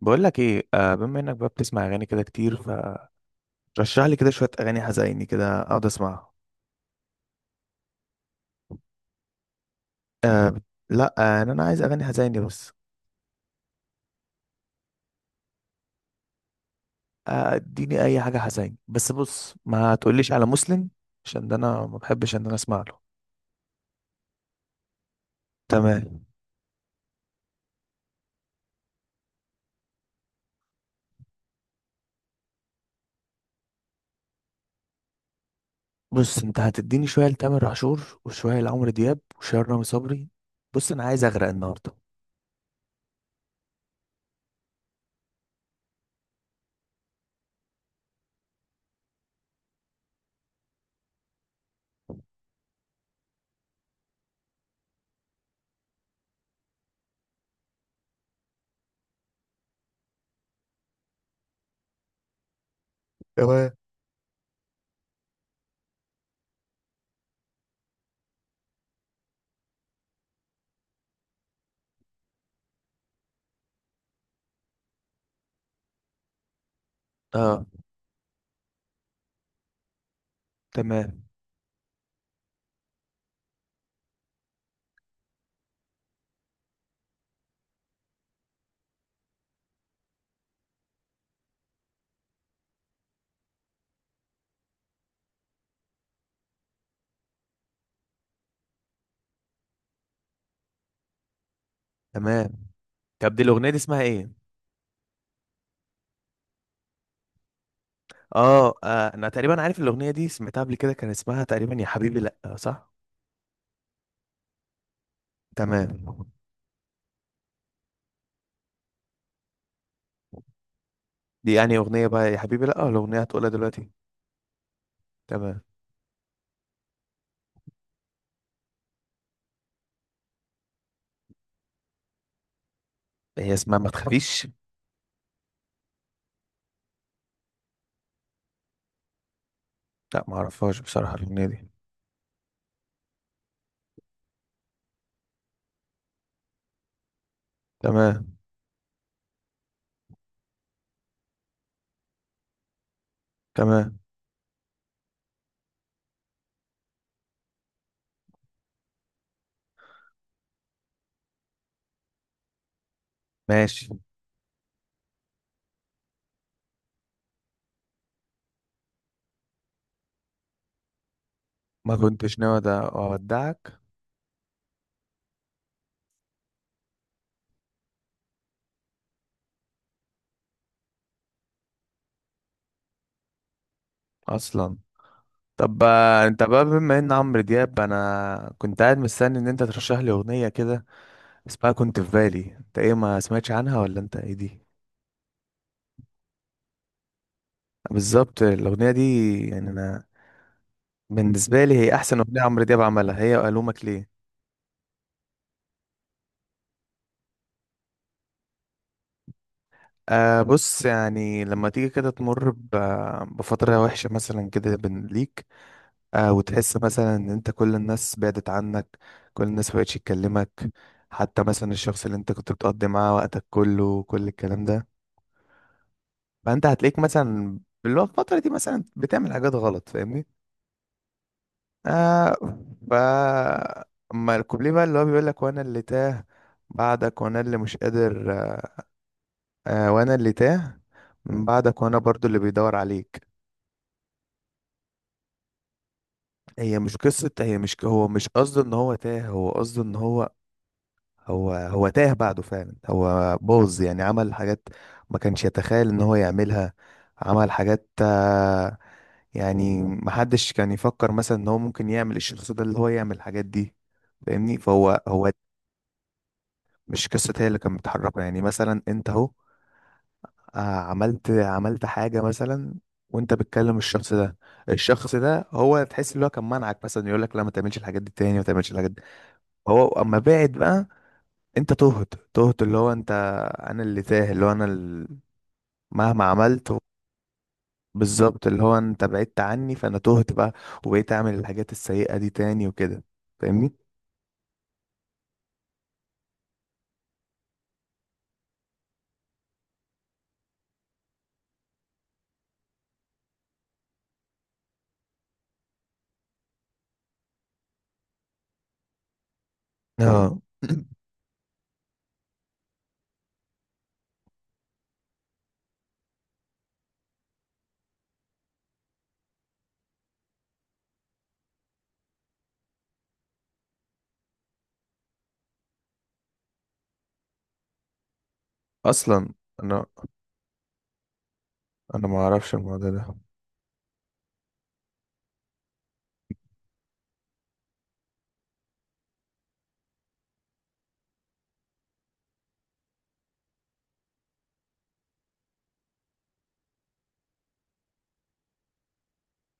بقول لك ايه. آه، بما انك بقى بتسمع اغاني كده كتير، فرشح لي كده شويه اغاني حزيني كده اقعد اسمعها. آه، لا. آه، انا عايز اغاني حزيني بس. آه، اديني اي حاجه حزيني بس. بص، ما تقوليش على مسلم عشان ده انا ما بحبش ان انا اسمع له. تمام. بص، انت هتديني شويه لتامر عاشور وشويه لعمرو دياب وشويه لرامي صبري. بص، انا عايز اغرق النهارده. تمام. اه. تمام. تمام. طب دي الاغنيه دي اسمها ايه؟ اه, آه، انا تقريبا عارف الاغنيه دي، سمعتها قبل كده. كان اسمها تقريبا يا حبيبي لا، صح؟ تمام. دي يعني أغنية بقى يا حبيبي لأ ولا أغنية هتقولها دلوقتي؟ تمام. هي اسمها ما تخافيش؟ لأ، معرفهاش بصراحة الأغنية دي. تمام. تمام. ماشي. ما كنتش ناوي أودعك. أصلا. طب بقى انت بقى، بما ان عمرو دياب، انا كنت قاعد مستني ان انت ترشح لي اغنيه كده اسمها كنت في بالي. انت ايه ما سمعتش عنها ولا انت ايه دي؟ بالظبط الاغنيه دي. يعني انا، بالنسبه لي هي احسن اغنيه عمرو دياب عملها، هي وألومك ليه. آه، بص، يعني لما تيجي كده تمر بفترة وحشة مثلا كده بين ليك. آه، وتحس مثلا ان انت كل الناس بعدت عنك، كل الناس مبقتش تكلمك، حتى مثلا الشخص اللي انت كنت بتقضي معاه وقتك كله وكل الكلام ده. فانت هتلاقيك مثلا في الفترة دي مثلا بتعمل حاجات غلط، فاهمني. آه. ف اما الكوبليه بقى اللي هو بيقول لك وانا اللي تاه بعدك، وانا اللي مش قادر آه. آه، وانا اللي تاه من بعدك، وانا برضو اللي بيدور عليك. هي مش قصة، هي مش، هو مش قصده ان هو تاه، هو قصده ان هو، هو تاه بعده فعلا. هو باظ يعني، عمل حاجات ما كانش يتخيل ان هو يعملها. عمل حاجات آه، يعني محدش كان يفكر مثلا ان هو ممكن يعمل الشخص ده اللي هو يعمل الحاجات دي، فاهمني. فهو مش قصة، هي اللي كانت بتحركه، يعني مثلا انت اهو، آه، عملت حاجة مثلا وانت بتكلم الشخص ده. الشخص ده هو تحس ان هو كان منعك مثلا، يقول لك لا، ما تعملش الحاجات دي تاني، ما تعملش الحاجات دي. هو اما بعد بقى، انت تهت، تهت اللي هو انت، انا اللي تاه اللي هو انا مهما عملت. بالظبط، اللي هو انت بعدت عني فانا تهت بقى، وبقيت اعمل الحاجات السيئة دي تاني وكده، فاهمني. اه. اصلا، انا انا ما اعرفش الموضوع ده.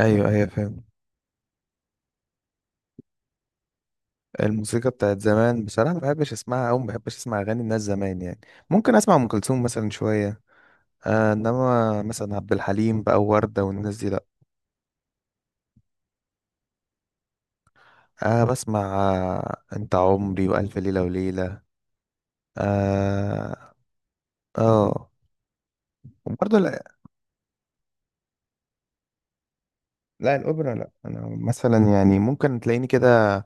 ايوه، ايوه، فاهم. الموسيقى بتاعت زمان بصراحة ما بحبش اسمعها، او ما بحبش اسمع اغاني الناس زمان يعني. ممكن اسمع ام كلثوم مثلا شوية. آه، انما مثلا عبد الحليم بقى ووردة والناس دي لا. آه، بسمع. آه، انت عمري والف ليلة وليلة. اه. آه. وبرضه لا. لا، الاوبرا لا. انا مثلا يعني ممكن تلاقيني كده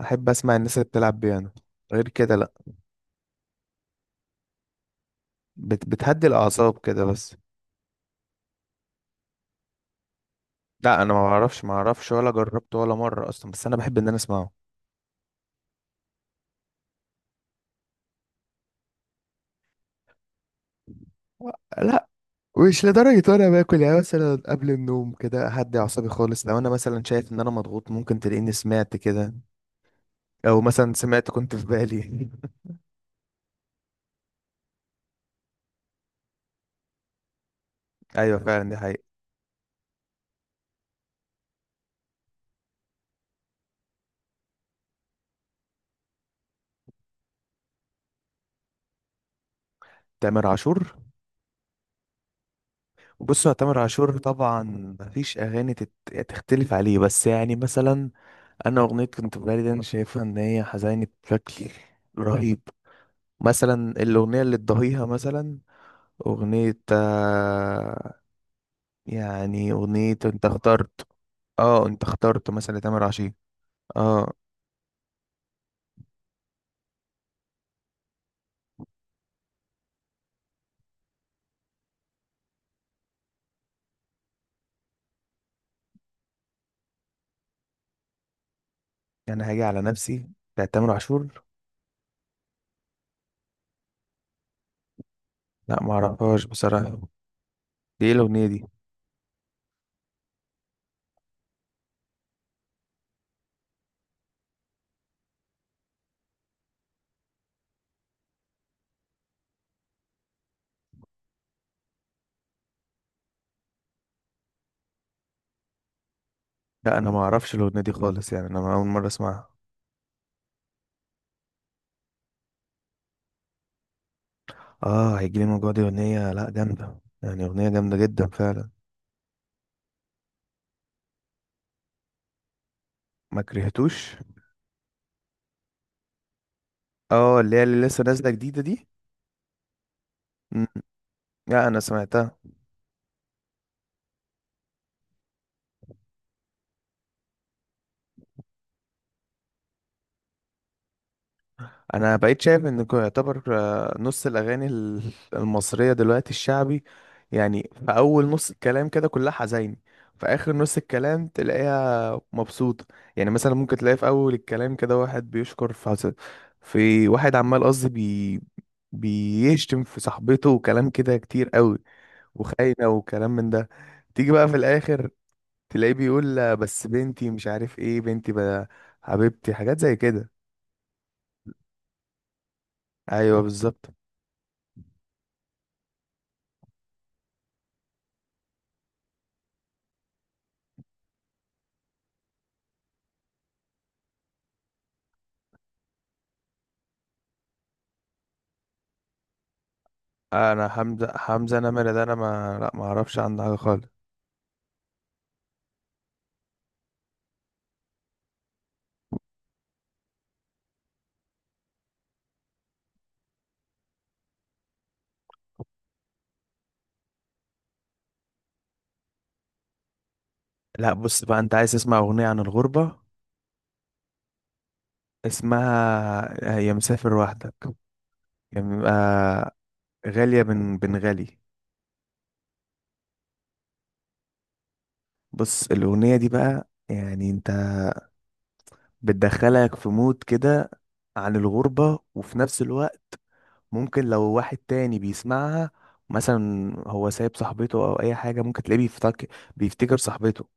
احب اسمع الناس اللي بتلعب بيانو. غير كده لا. بتهدي الاعصاب كده بس. لا، انا ما اعرفش، ولا جربته ولا مره اصلا، بس انا بحب ان انا اسمعه. لا، مش لدرجة وانا باكل، يعني مثلا قبل النوم كده اهدي اعصابي خالص. لو انا مثلا شايف ان انا مضغوط ممكن تلاقيني سمعت كده، او مثلا سمعت كنت في بالي. ايوه فعلا، دي حقيقة. تامر عاشور؟ بص، هو تامر عاشور طبعا مفيش اغاني تختلف عليه، بس يعني مثلا انا اغنيه كنت في بالي دي انا شايفها ان هي حزينه بشكل رهيب. مثلا الاغنيه اللي تضاهيها مثلا، اغنيه آه، يعني اغنيه انت اخترت. اه، انت اخترت مثلا لتامر عاشور. اه. يعني هاجي على نفسي؟ بتاعت تامر عاشور؟ لا، ما اعرفهاش بصراحه. دي ايه الاغنيه دي؟ لا انا ما اعرفش الاغنيه دي خالص، يعني انا اول مره اسمعها. اه، هيجيلي موجوع دي اغنية، لا جامدة يعني، اغنية جامدة جدا فعلا. ما كرهتوش. اه، اللي هي اللي لسه نازلة جديدة دي. مم، لا، انا سمعتها. انا بقيت شايف ان يعتبر آه، نص الاغاني المصرية دلوقتي الشعبي، يعني في اول نص الكلام كده كلها حزين، في اخر نص الكلام تلاقيها مبسوطة. يعني مثلا ممكن تلاقي في اول الكلام كده واحد بيشكر في في واحد عمال، قصدي بيشتم في صاحبته وكلام كده كتير قوي، وخاينة وكلام من ده. تيجي بقى في الآخر تلاقيه بيقول لا، بس بنتي، مش عارف ايه، بنتي بقى، حبيبتي، حاجات زي كده. ايوه بالظبط. انا حمزة نمرة ده، انا ما، لا، ما اعرفش عنه حاجة خالص. لا، بص بقى انت عايز تسمع اغنية عن الغربة، اسمها يا مسافر وحدك. يا م- آه، غالية بن غالي. بص، الأغنية دي بقى يعني انت، بتدخلك في مود كده عن الغربة، وفي نفس الوقت ممكن لو واحد تاني بيسمعها مثلا هو سايب صاحبته او اي حاجة ممكن تلاقيه بيفتكر صاحبته.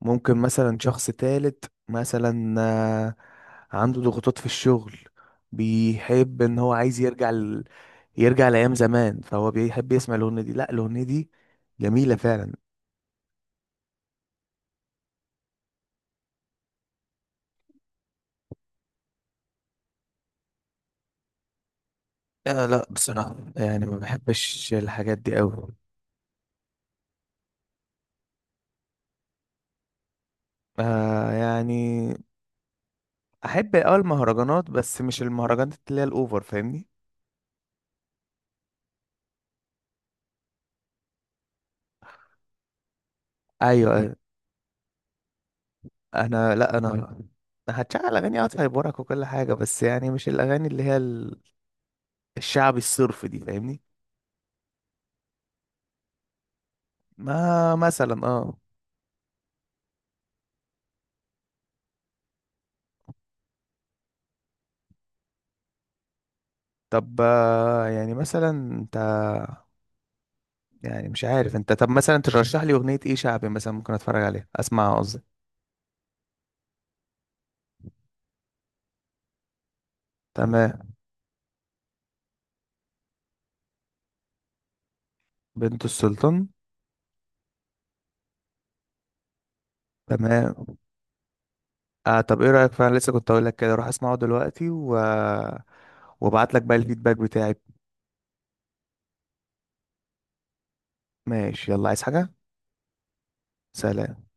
ممكن مثلا شخص تالت مثلا آه، عنده ضغوطات في الشغل، بيحب ان هو عايز يرجع ل... يرجع لايام زمان، فهو بيحب يسمع الاغنية دي. لا، الاغنية دي جميلة فعلا. لا، لا، بصراحة يعني ما بحبش الحاجات دي قوي. آه، يعني احب المهرجانات بس مش المهرجانات اللي هي الاوفر، فاهمني. ايوه. انا لا انا، أنا هتشغل اغاني اه هيبورك وكل حاجه، بس يعني مش الاغاني اللي هي الشعبي الصرف دي، فاهمني. ما مثلا اه. طب آه، يعني مثلا انت، يعني مش عارف انت، طب مثلا ترشح لي اغنيه ايه شعبي مثلا ممكن اتفرج عليها اسمعها قصدي. تمام. بنت السلطان. تمام. آه طب ايه رايك، فعلا لسه كنت اقول لك كده، روح اسمعه دلوقتي و... وابعت لك بقى الفيدباك بتاعي. ماشي، يلا، عايز حاجه؟ سلام.